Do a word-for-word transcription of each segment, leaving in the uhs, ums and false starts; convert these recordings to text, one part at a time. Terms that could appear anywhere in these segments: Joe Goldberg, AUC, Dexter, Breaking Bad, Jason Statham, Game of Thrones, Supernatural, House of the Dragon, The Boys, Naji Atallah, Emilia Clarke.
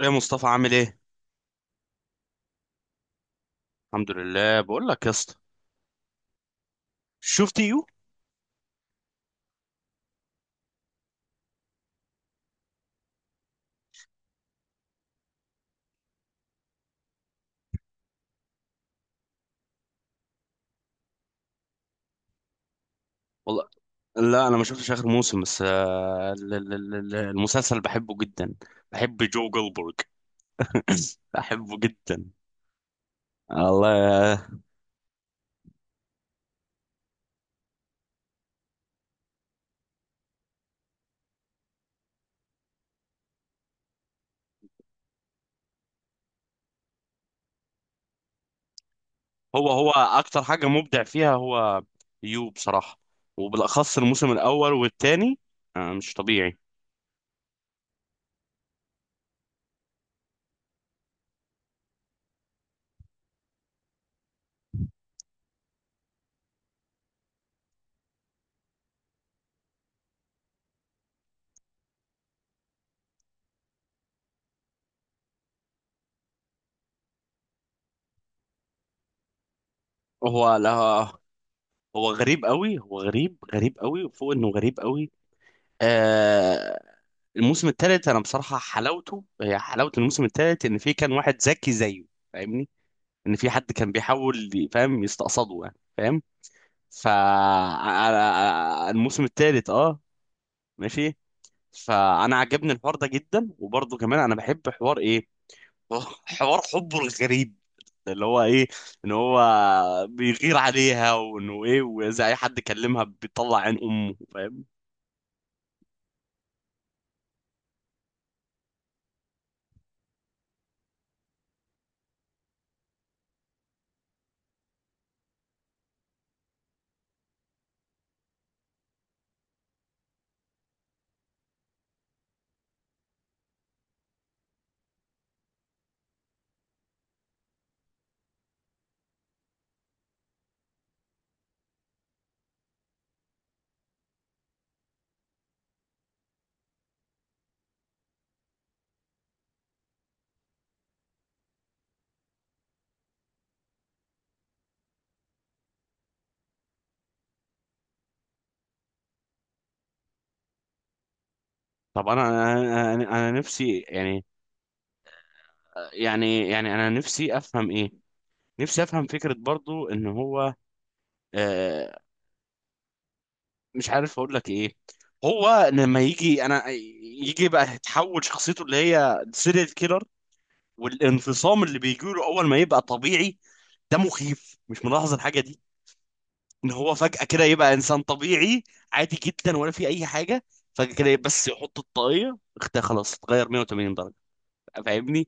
ايه مصطفى عامل ايه؟ الحمد لله، بقول لك يا اسطى، شفت يو؟ والله، لا انا ما شفتش اخر موسم، بس آه، ال- ال- ال- ال- المسلسل بحبه جدا. بحب جو جولدبرج. بحبه جدا. الله. هو هو اكتر حاجه مبدع فيها هو، يو، بصراحه. وبالاخص الموسم الاول والثاني، مش طبيعي. هو لا. هو غريب قوي، هو غريب غريب قوي، وفوق انه غريب قوي. آه الموسم الثالث، انا بصراحه حلاوته هي حلاوه الموسم الثالث، ان في كان واحد ذكي زيه. فاهمني؟ ان في حد كان بيحاول ي- فاهم، يستقصده يعني، فاهم؟ ف أنا- الموسم الثالث، اه، ماشي. فانا عجبني الحوار ده جدا، وبرضه كمان انا بحب حوار ايه، حوار حبه الغريب، اللي هو ايه، ان هو بيغير عليها، وانه ايه، واذا اي حد كلمها بيطلع عين امه، فاهم؟ طب انا انا انا أنا نفسي يعني، يعني يعني انا نفسي افهم ايه، نفسي افهم فكرة برضو ان هو، آه مش عارف اقول لك ايه. هو لما يجي، انا يجي بقى يتحول شخصيته اللي هي سيريال كيلر، والانفصام اللي بيجي له اول ما يبقى طبيعي. ده مخيف، مش ملاحظ الحاجة دي؟ ان هو فجأة كده يبقى انسان طبيعي، عادي جدا، ولا في اي حاجة. فجأة كده بس يحط الطاقية اختها، خلاص اتغير مئة وثمانين درجة. فاهمني؟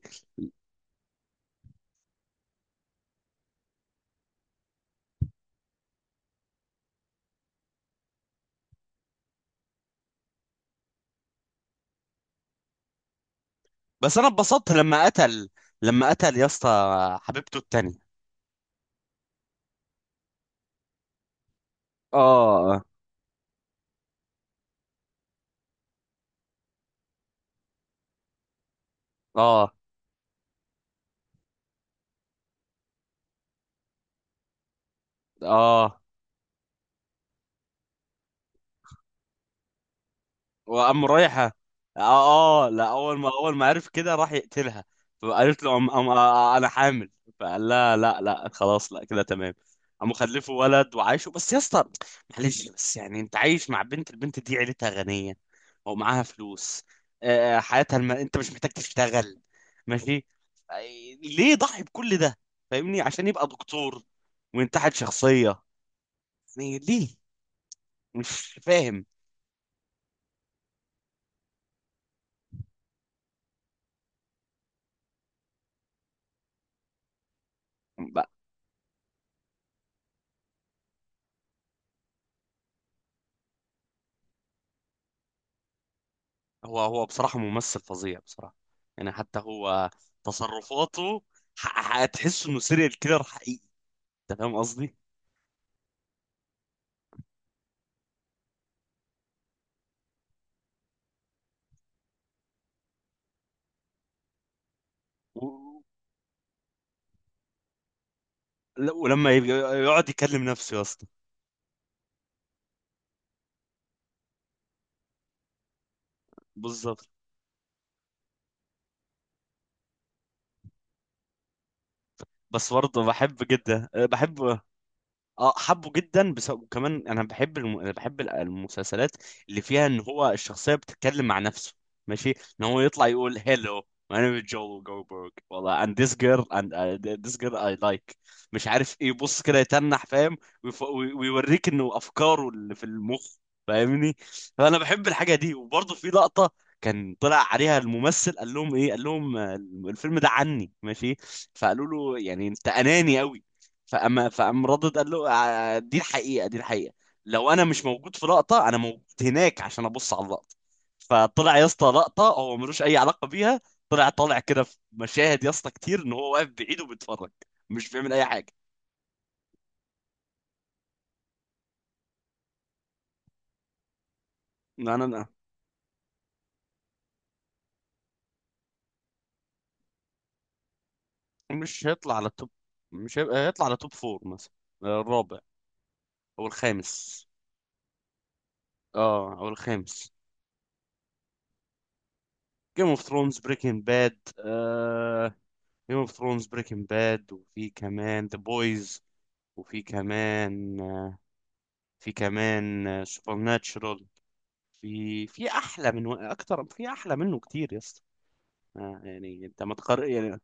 بس انا اتبسطت لما قتل، لما قتل يا اسطى حبيبته التانية. اه، اه، اه، وقام رايحة. اه، اه، لا، اول ما اول ما عرف كده راح يقتلها. فقالت له، أم أم آه، آه، انا حامل. فقال لها، لا لا خلاص، لا كده تمام. قام خلفه ولد وعايشه، بس يا اسطى، معلش، بس يعني، انت عايش مع بنت البنت دي، عيلتها غنية، ومعاها فلوس. آه، آه، حياتها الم... انت مش محتاج تشتغل، ماشي. آه، ليه ضحي بكل ده؟ فاهمني؟ عشان يبقى دكتور وينتحل شخصية، يعني ليه؟ مش فاهم. هو هو بصراحة ممثل فظيع بصراحة. يعني حتى هو، تصرفاته، ح- هتحس انه سيريال كيلر حقيقي. انت فاهم قصدي؟ و... لا، ولما يبي- يقعد يكلم نفسه يا اسطى، بالظبط. بس برضه بحب جدا، بحب. اه، حبه جدا، بس وكمان انا بحب الم... أنا بحب ال- المسلسلات اللي فيها ان هو الشخصيه بتتكلم مع نفسه، ماشي. ان هو يطلع يقول هيلو، my name is Joel Goldberg، والله، and this girl and uh, this girl I like، مش عارف ايه، يبص كده يتنح، فاهم؟ ويف... وي- ويوريك انه افكاره اللي في المخ. فاهمني؟ فانا بحب الحاجه دي. وبرضه في لقطه، كان طلع عليها الممثل، قال لهم ايه قال لهم، آه، الفيلم ده عني، ماشي. فقالوا له، يعني انت اناني قوي. فأما فقام ردد، قال له، "آه، دي الحقيقة، دي الحقيقة، لو أنا مش موجود في لقطة، أنا موجود هناك عشان أبص على اللقطة". فطلع يا اسطى لقطة هو ملوش أي علاقة بيها. طلع طالع كده في مشاهد يا اسطى كتير، إن هو واقف بعيد وبيتفرج، مش بيعمل أي حاجة. لا لا لا، مش هيطلع على التوب، مش هيبقى هيطلع على توب فور مثلا، الرابع أو الخامس. اه، أو الخامس. جيم اوف ثرونز، بريكنج باد. جيم اوف ثرونز، بريكنج باد، وفي كمان ذا بويز، وفي كمان في كمان سوبر ناتشرال. في في احلى من اكتر في احلى منه كتير يا اسطى، آه، يعني انت ما تقر يعني.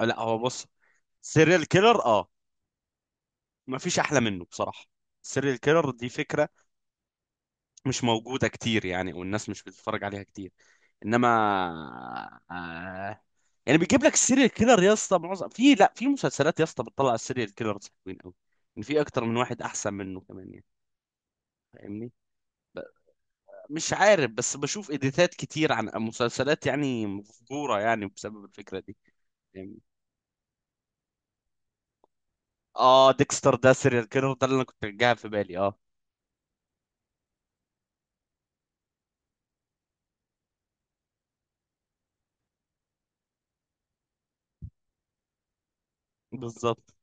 آه، لا، هو بص، سيريال كيلر، اه، ما فيش احلى منه بصراحة. السيريال كيلر دي فكرة مش موجودة كتير يعني، والناس مش بتتفرج عليها كتير، انما آه، يعني بيجيب لك السيريال كيلر يا اسطى، معظم في لا في مسلسلات يا اسطى بتطلع السيريال كيلرز حلوين قوي، ان في اكتر من واحد احسن منه كمان يعني. فاهمني؟ مش عارف، بس بشوف اديتات كتير عن مسلسلات يعني مفجوره يعني بسبب الفكره دي. فاهمني؟ اه، ديكستر ده سيريال كيلر، ده اللي انا كنت جايبها في بالي، اه، بالظبط.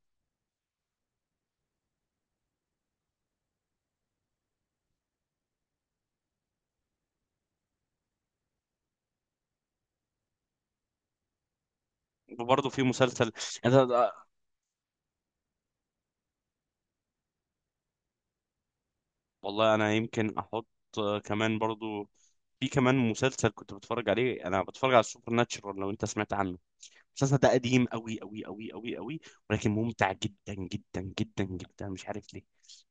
وبرضه في مسلسل، أنا... والله انا يمكن احط، آه، كمان برضه، في كمان مسلسل كنت بتفرج عليه، انا بتفرج على السوبر ناتشرال، لو انت سمعت عنه. المسلسل ده قديم قوي قوي قوي قوي قوي، ولكن ممتع جدا جدا جدا جدا. مش عارف ليه،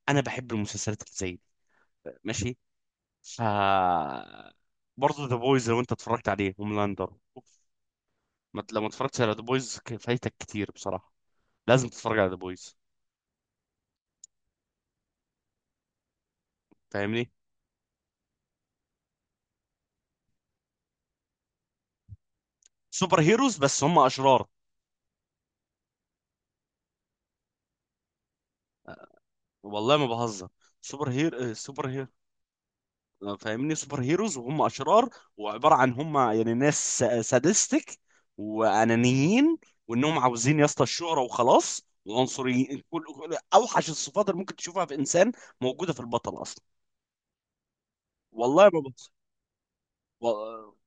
انا بحب المسلسلات اللي زي دي، ماشي. ف برضه ذا بويز، لو انت اتفرجت عليه، هوملاندر أوف. ما- لو ما اتفرجتش على ذا بويز فايتك كتير بصراحه، لازم تتفرج على ذا بويز، فاهمني؟ سوبر هيروز بس هم اشرار. والله ما بهزر. سوبر هير آه، سوبر آه، فاهمني، سوبر هيروز وهم اشرار، وعباره عن هم يعني ناس سادستك، وانانيين، وانهم عاوزين يا اسطى الشهره وخلاص، وعنصريين، كل كل- اوحش الصفات اللي ممكن تشوفها في انسان موجوده في البطل اصلا. والله ما بص،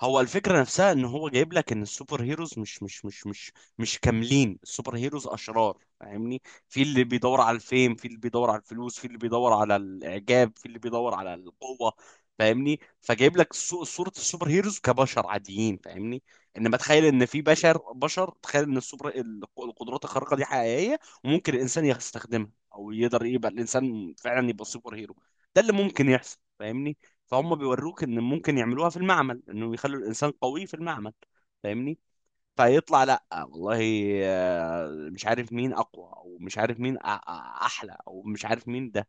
هو الفكرة نفسها ان هو جايب لك ان السوبر هيروز مش مش مش مش مش كاملين، السوبر هيروز اشرار، فاهمني؟ في اللي بيدور على الفيم، في اللي بيدور على الفلوس، في اللي بيدور على الاعجاب، في اللي بيدور على القوة. فاهمني؟ فجايب لك صو- صورة السوبر هيروز كبشر عاديين، فاهمني؟ انما تخيل ان في بشر، بشر تخيل ان السوبر الق- القدرات الخارقة دي حقيقية، وممكن الانسان يستخدمها، او يقدر يبقى الانسان فعلا يبقى سوبر هيرو. ده اللي ممكن يحصل، فاهمني؟ فهم بيوروك ان ممكن يعملوها في المعمل، انه يخلوا الانسان قوي في المعمل، فاهمني؟ فيطلع، لا والله، آه، مش عارف مين اقوى، او مش عارف مين أ- أ- احلى، او مش عارف مين ده.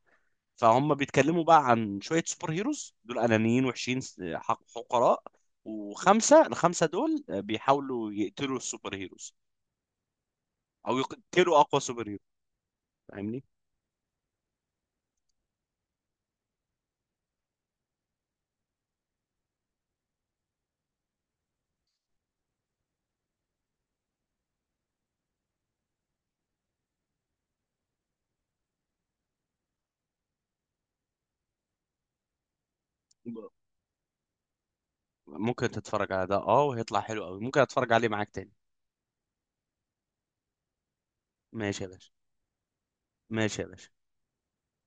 فهم بيتكلموا بقى عن شوية سوبر هيروز دول انانيين، وحشين، س- حق- حقراء. وخمسة الخمسة دول بيحاولوا يقتلوا السوبر هيروز، او يقتلوا اقوى سوبر هيرو، فاهمني؟ ممكن تتفرج على ده، اه، وهيطلع حلو قوي، ممكن اتفرج عليه معاك تاني. ماشي يا باشا. ماشي يا باشا.